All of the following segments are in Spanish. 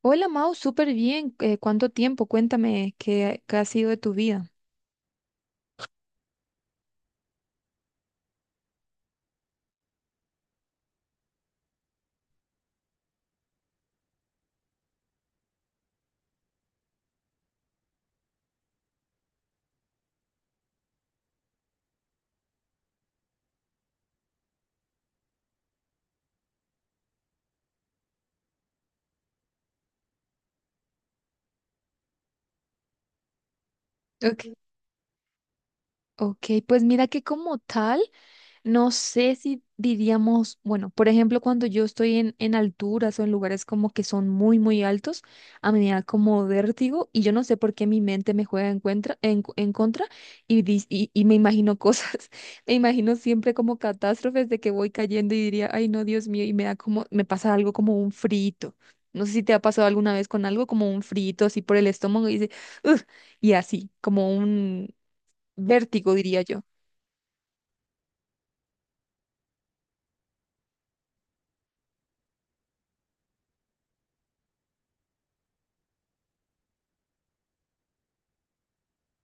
Hola Mau, súper bien. ¿Cuánto tiempo? Cuéntame qué ha sido de tu vida. Ok. Ok, pues mira que como tal, no sé si diríamos, bueno, por ejemplo, cuando yo estoy en alturas o en lugares como que son muy, muy altos, a mí me da como vértigo y yo no sé por qué mi mente me juega en, cuentra- en, cu- en contra y me imagino cosas, me imagino siempre como catástrofes de que voy cayendo y diría, ay no, Dios mío, y me da como, me pasa algo como un frito. No sé si te ha pasado alguna vez con algo como un frito así por el estómago y dice, "Ugh", y así, como un, vértigo, diría yo.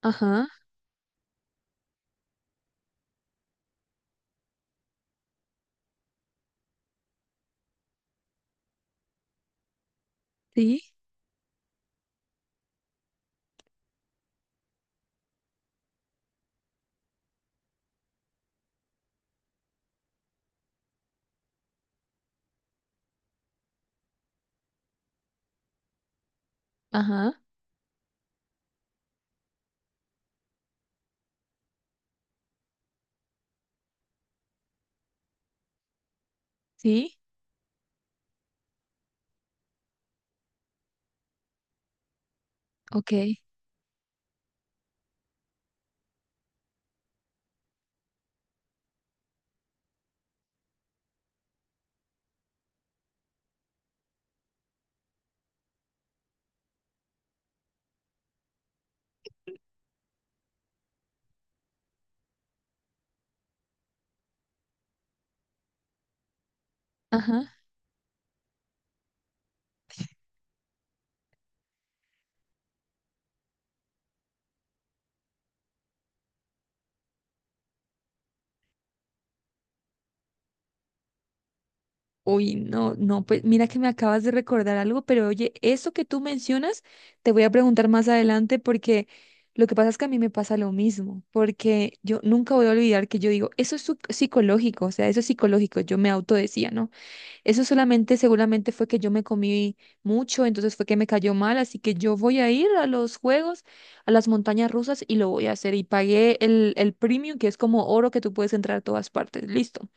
Ajá, sí, ajá, sí, ok, ajá. Uy, no, no, pues mira que me acabas de recordar algo, pero oye, eso que tú mencionas, te voy a preguntar más adelante porque lo que pasa es que a mí me pasa lo mismo, porque yo nunca voy a olvidar que yo digo, eso es psicológico, o sea, eso es psicológico, yo me auto decía, ¿no? Eso solamente seguramente fue que yo me comí mucho, entonces fue que me cayó mal, así que yo voy a ir a los juegos, a las montañas rusas y lo voy a hacer. Y pagué el premium, que es como oro que tú puedes entrar a todas partes. Listo.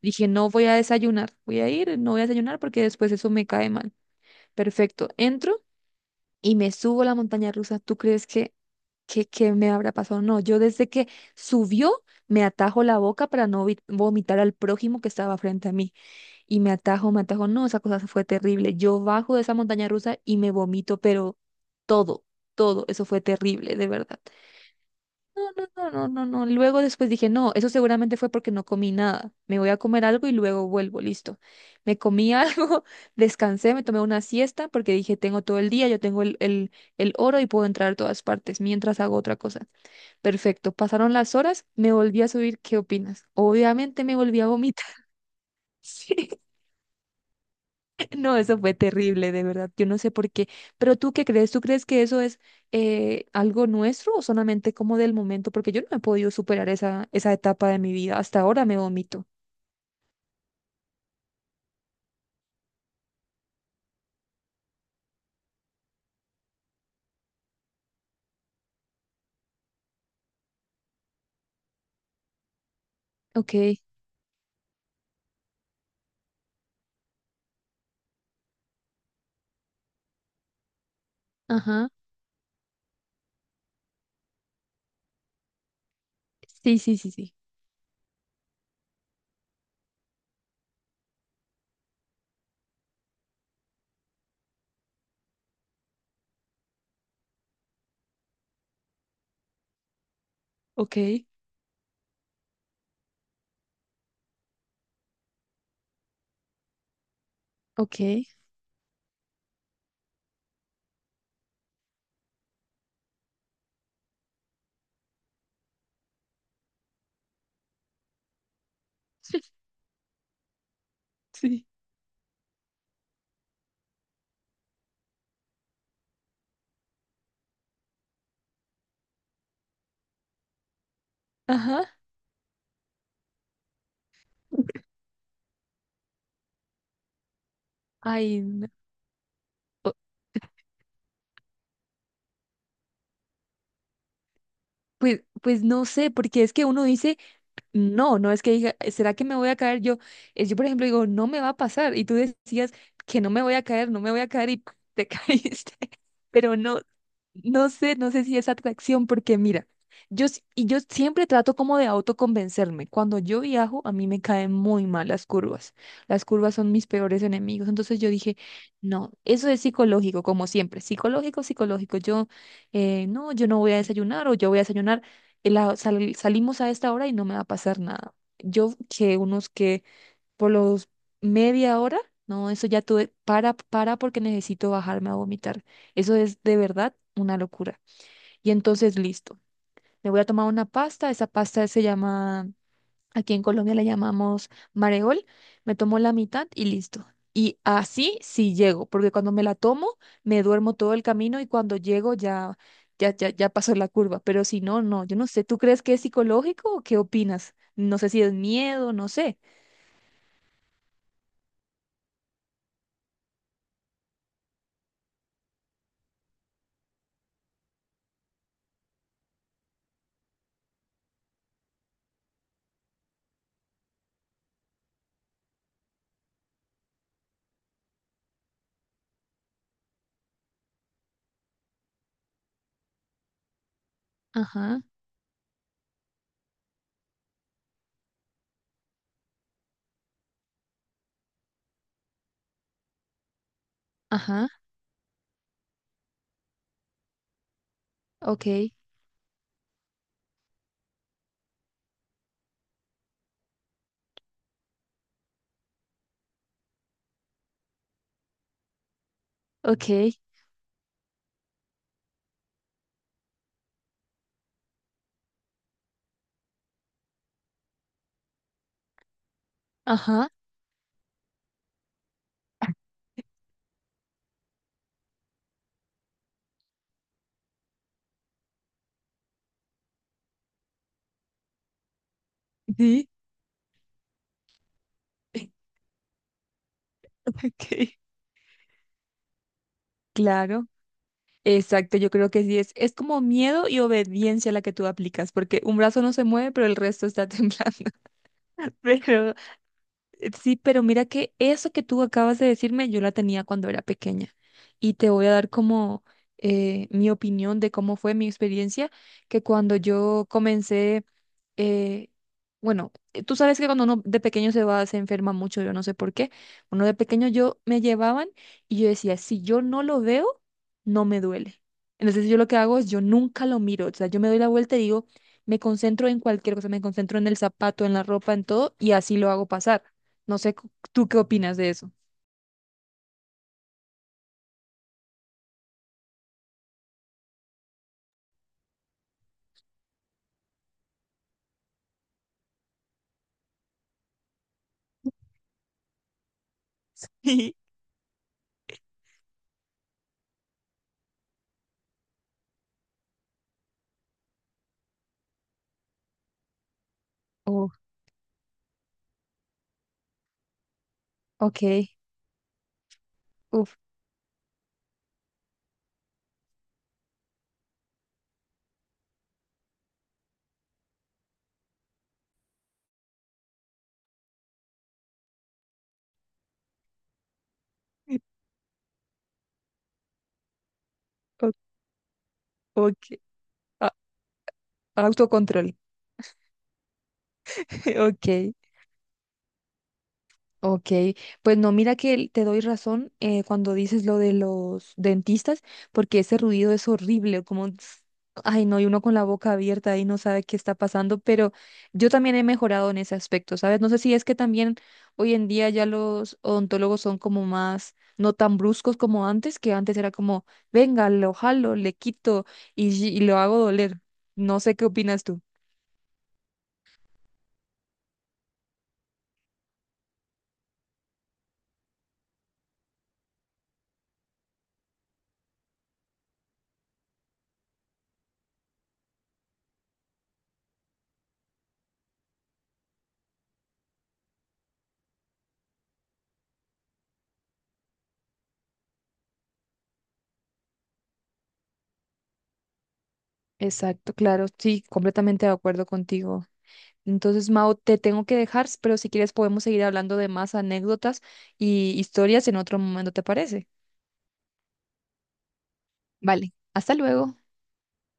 Dije, no voy a desayunar, voy a ir, no voy a desayunar porque después eso me cae mal. Perfecto. Entro y me subo a la montaña rusa. ¿Tú crees que me habrá pasado? No, yo desde que subió me atajo la boca para no vomitar al prójimo que estaba frente a mí. Y me atajo, me atajo. No, esa cosa fue terrible. Yo bajo de esa montaña rusa y me vomito, pero todo, todo, eso fue terrible, de verdad. No, no, no, no, no, no. Luego después dije, no, eso seguramente fue porque no comí nada. Me voy a comer algo y luego vuelvo, listo. Me comí algo, descansé, me tomé una siesta porque dije, tengo todo el día, yo tengo el oro y puedo entrar a todas partes mientras hago otra cosa. Perfecto. Pasaron las horas, me volví a subir. ¿Qué opinas? Obviamente me volví a vomitar. Sí. No, eso fue terrible, de verdad. Yo no sé por qué. ¿Pero tú qué crees? ¿Tú crees que eso es algo nuestro o solamente como del momento? Porque yo no he podido superar esa etapa de mi vida. Hasta ahora me vomito. Ok, ajá. Sí, sí, sí, sí. Ok, ok. Sí. Ajá. Ay, no. O- pues no sé, porque es que uno dice, no, no es que diga, ¿será que me voy a caer yo? Yo, por ejemplo, digo, no me va a pasar. Y tú decías que no me voy a caer, no me voy a caer y te caíste. Pero no, no sé si es atracción, porque mira, y yo siempre trato como de autoconvencerme. Cuando yo viajo, a mí me caen muy mal las curvas. Las curvas son mis peores enemigos. Entonces yo dije, no, eso es psicológico, como siempre. Psicológico, psicológico. Yo, no, yo no voy a desayunar o yo voy a desayunar. Salimos a esta hora y no me va a pasar nada. Yo que unos que por los media hora, no, eso ya tuve, para porque necesito bajarme a vomitar. Eso es de verdad una locura. Y entonces, listo, me voy a tomar una pasta, esa pasta se llama, aquí en Colombia la llamamos mareol, me tomo la mitad y listo. Y así sí llego, porque cuando me la tomo, me duermo todo el camino y cuando llego ya pasó la curva. Pero si no, no, yo no sé, ¿tú crees que es psicológico o qué opinas? No sé si es miedo, no sé. Ajá, ajá. Ok, ok, ajá, sí, ok, claro, exacto, yo creo que sí es como miedo y obediencia la que tú aplicas, porque un brazo no se mueve, pero el resto está temblando, pero sí, pero mira que eso que tú acabas de decirme, yo la tenía cuando era pequeña, y te voy a dar como mi opinión de cómo fue mi experiencia, que cuando yo comencé eh, bueno, tú sabes que cuando uno de pequeño se va, se enferma mucho, yo no sé por qué. Uno de pequeño yo me llevaban y yo decía, si yo no lo veo, no me duele. Entonces yo lo que hago es yo nunca lo miro, o sea, yo me doy la vuelta y digo, me concentro en cualquier cosa, me concentro en el zapato, en la ropa, en todo, y así lo hago pasar. No sé, ¿tú qué opinas de eso? Oh, ok. Uf, o- ok. A- autocontrol. Ok. Ok, pues no, mira que te doy razón cuando dices lo de los dentistas, porque ese ruido es horrible, como, tss, ay no, y uno con la boca abierta y no sabe qué está pasando, pero yo también he mejorado en ese aspecto, ¿sabes? No sé si es que también hoy en día ya los odontólogos son como más, no tan bruscos como antes, que antes era como, venga, lo jalo, le quito y, y lo hago doler. No sé qué opinas tú. Exacto, claro, sí, completamente de acuerdo contigo. Entonces, Mao, te tengo que dejar, pero si quieres podemos seguir hablando de más anécdotas y historias en otro momento, ¿te parece? Vale, hasta luego.